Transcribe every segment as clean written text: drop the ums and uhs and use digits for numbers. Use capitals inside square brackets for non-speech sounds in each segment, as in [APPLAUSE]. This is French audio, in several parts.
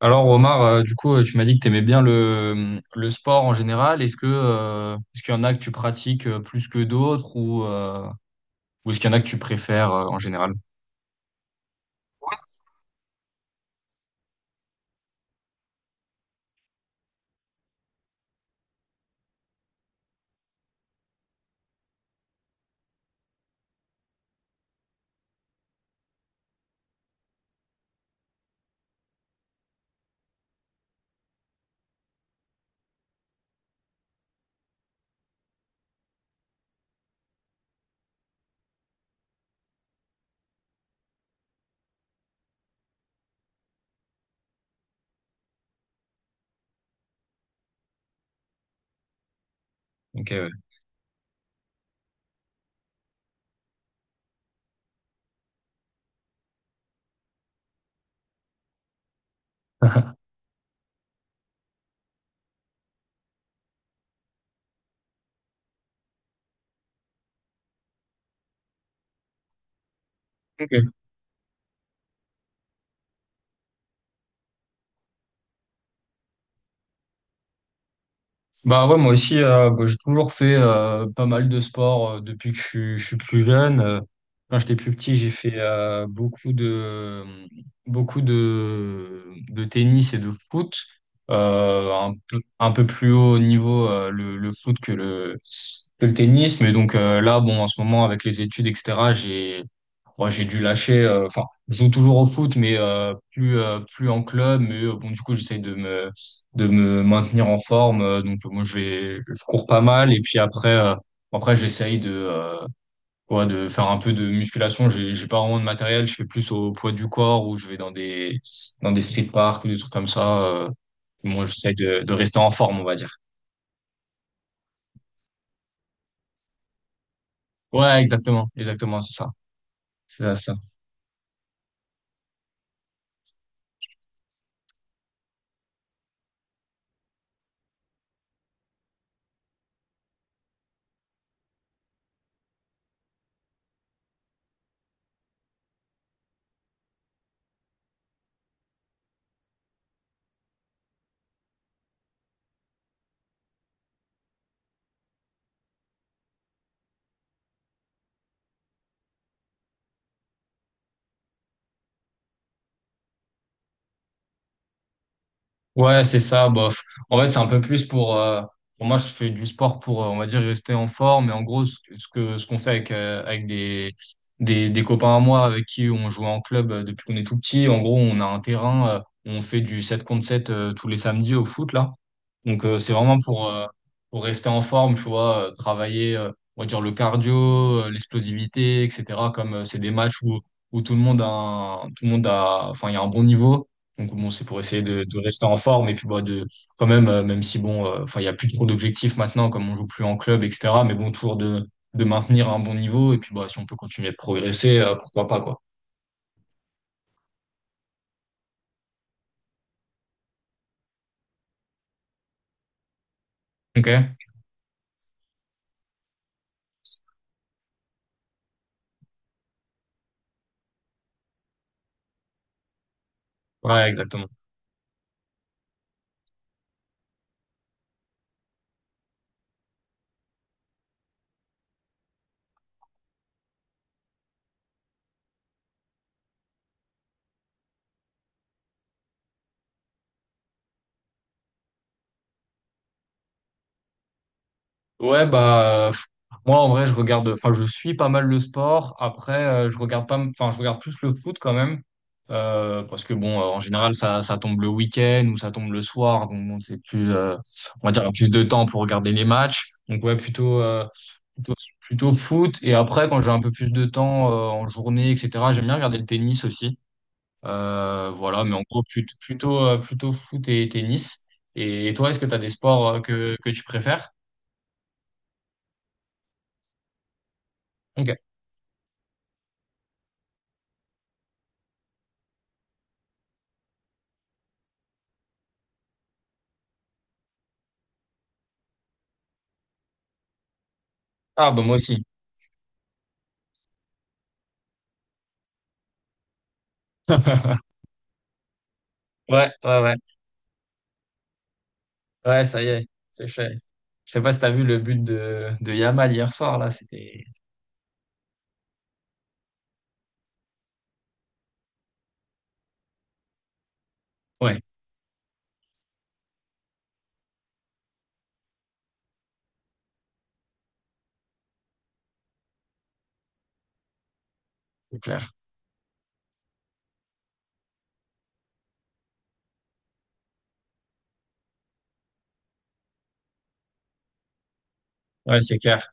Alors Omar, du coup, tu m'as dit que tu aimais bien le sport en général. Est-ce que est-ce qu'il y en a que tu pratiques plus que d'autres ou est-ce qu'il y en a que tu préfères en général? Ok, ouais. [LAUGHS] Ok. Ouais, moi aussi, bah, j'ai toujours fait pas mal de sport depuis que je suis plus jeune. Quand j'étais plus petit, j'ai fait beaucoup de beaucoup de, de tennis et de foot. Un peu plus haut niveau le foot que que le tennis. Mais donc là, bon, en ce moment, avec les études, etc. Ouais, j'ai dû lâcher. Enfin, je joue toujours au foot, mais plus en club. Mais bon, du coup, j'essaie de me maintenir en forme. Donc, moi, je cours pas mal. Et puis après, après, j'essaye de faire un peu de musculation. J'ai pas vraiment de matériel. Je fais plus au poids du corps ou je vais dans des street parks ou des trucs comme ça. Moi, j'essaie de rester en forme, on va dire. Ouais, exactement, exactement, c'est ça, c'est ça. C'est ça. Ouais, c'est ça. Bof. En fait, c'est un peu plus pour moi, je fais du sport pour, on va dire, rester en forme. Et en gros, ce qu'on fait avec, avec des copains à moi avec qui on jouait en club depuis qu'on est tout petit. En gros, on a un terrain, on fait du 7 contre 7 tous les samedis au foot, là. Donc, c'est vraiment pour rester en forme, tu vois, travailler, on va dire, le cardio, l'explosivité, etc. Comme c'est des matchs où tout le monde a, enfin, il y a un bon niveau. Donc bon, c'est pour essayer de rester en forme et puis bah, de quand même, même si bon, enfin il y a plus trop d'objectifs maintenant comme on joue plus en club, etc. Mais bon, toujours de maintenir un bon niveau et puis bah si on peut continuer de progresser, pourquoi pas quoi. Ok? Ouais, exactement. Ouais, moi en vrai je regarde, enfin je suis pas mal le sport. Après je regarde pas, enfin je regarde plus le foot quand même parce que en général ça tombe le week-end ou ça tombe le soir donc bon c'est plus on va dire plus de temps pour regarder les matchs. Donc ouais plutôt. Plutôt foot. Et après, quand j'ai un peu plus de temps en journée, etc., j'aime bien regarder le tennis aussi. Voilà, mais en gros, plutôt, plutôt, foot et tennis. Et toi, est-ce que tu as des sports que tu préfères? Ok. Ah, bah moi aussi. [LAUGHS] Ouais, ouais, ouais. Ouais, ça y est, c'est fait. Je sais pas si t'as vu le but de Yamal hier soir, là, c'était... Ouais, c'est clair. Ouais, c'est clair.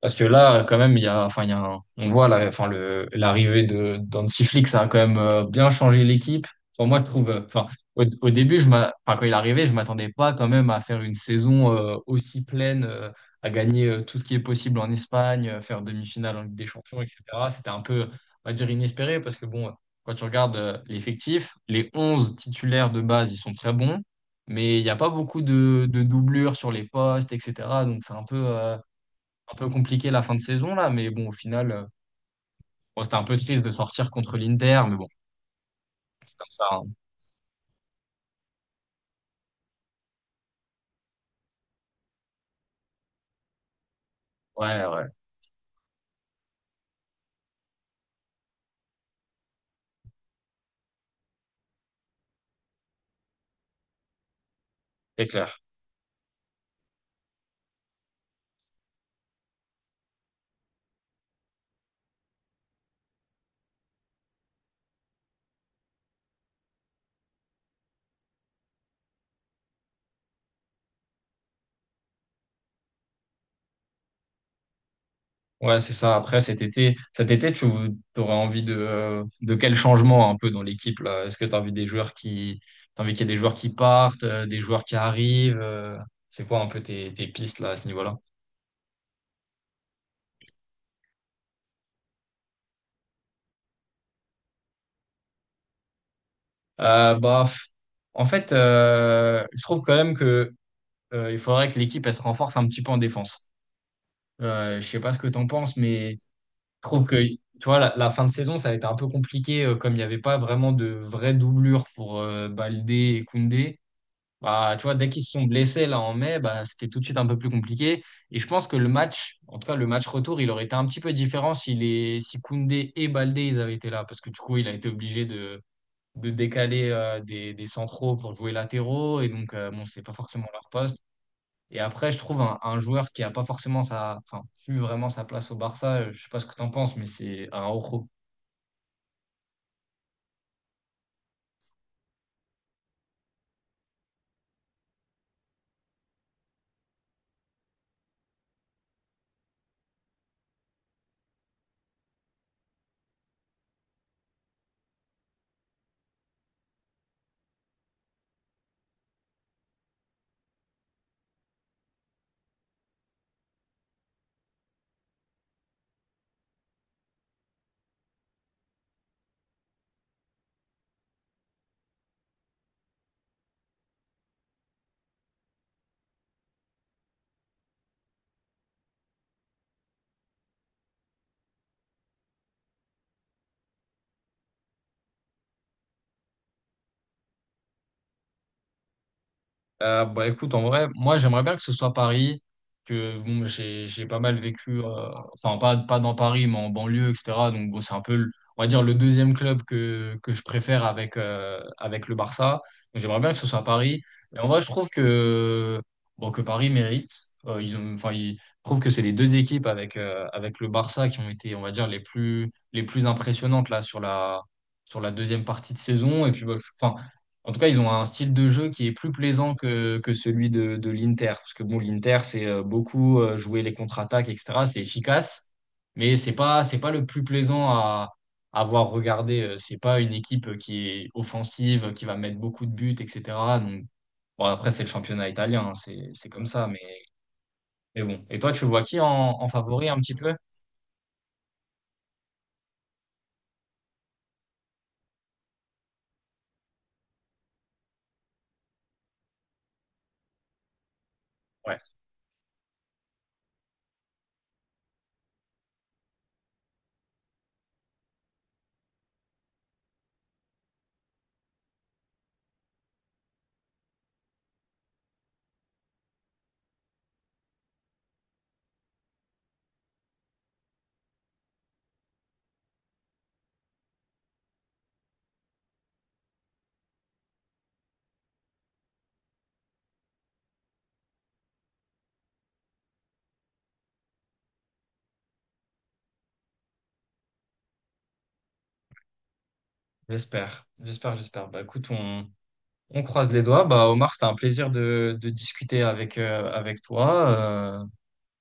Parce que là, quand même, il y a, enfin, il y a un- on voit la, enfin, l'arrivée de d'Hansi Flick, ça a quand même bien changé l'équipe. Enfin, moi, je trouve, au début, enfin, quand il est arrivé, je m'attendais pas quand même à faire une saison aussi pleine, à gagner tout ce qui est possible en Espagne, faire demi-finale en Ligue des Champions, etc. C'était un peu, on va dire, inespéré parce que bon, quand tu regardes l'effectif, les 11 titulaires de base, ils sont très bons, mais il n'y a pas beaucoup de doublures sur les postes, etc. Donc, c'est un peu. Un peu compliqué la fin de saison là, mais bon, au final, bon, c'était un peu triste de sortir contre l'Inter, mais bon, c'est comme ça, hein. Ouais, ouais, c'est clair. Ouais, c'est ça. Après, cet été, tu aurais envie de quel changement un peu dans l'équipe là? Est-ce que tu as envie des t'as envie qu'il y ait des joueurs qui partent, des joueurs qui arrivent? C'est quoi un peu tes, tes pistes là à ce niveau-là? Euh, bah, f- En fait, je trouve quand même que il faudrait que l'équipe elle se renforce un petit peu en défense. Je sais pas ce que t'en penses, mais je trouve que, tu vois, la fin de saison, ça a été un peu compliqué, comme il n'y avait pas vraiment de vraie doublure pour Baldé et Koundé. Bah, tu vois, dès qu'ils se sont blessés là en mai, bah, c'était tout de suite un peu plus compliqué. Et je pense que le match, en tout cas le match retour, il aurait été un petit peu différent si, les, si Koundé et Baldé ils avaient été là. Parce que du coup, il a été obligé de décaler des centraux pour jouer latéraux. Et donc, bon, c'est pas forcément leur poste. Et après, je trouve un joueur qui n'a pas forcément sa, enfin, su vraiment sa place au Barça, je sais pas ce que tu en penses, mais c'est un bah écoute, en vrai, moi j'aimerais bien que ce soit Paris, que bon, j'ai pas mal vécu, enfin pas, pas dans Paris, mais en banlieue, etc. Donc bon, c'est un peu, on va dire, le deuxième club que je préfère avec, avec le Barça. Donc j'aimerais bien que ce soit Paris. Et en vrai, je trouve que, bon, que Paris mérite. Ils ont, enfin, ils, je trouve que c'est les deux équipes avec, avec le Barça qui ont été, on va dire, les plus impressionnantes là sur sur la deuxième partie de saison. Et puis, bah, enfin, en tout cas, ils ont un style de jeu qui est plus plaisant que celui de l'Inter. Parce que bon, l'Inter, c'est beaucoup jouer les contre-attaques, etc. C'est efficace, mais c'est pas le plus plaisant à avoir regardé. C'est pas une équipe qui est offensive, qui va mettre beaucoup de buts, etc. Donc, bon, après, c'est le championnat italien, hein, c'est comme ça. Mais bon. Et toi, tu vois qui en, en favori un petit peu? Ouais, j'espère. J'espère, j'espère. Bah écoute, on. On croise les doigts. Bah, Omar, c'était un plaisir de discuter avec, avec toi.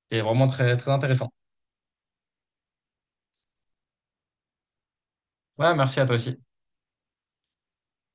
C'était vraiment très, très intéressant. Ouais, merci à toi aussi.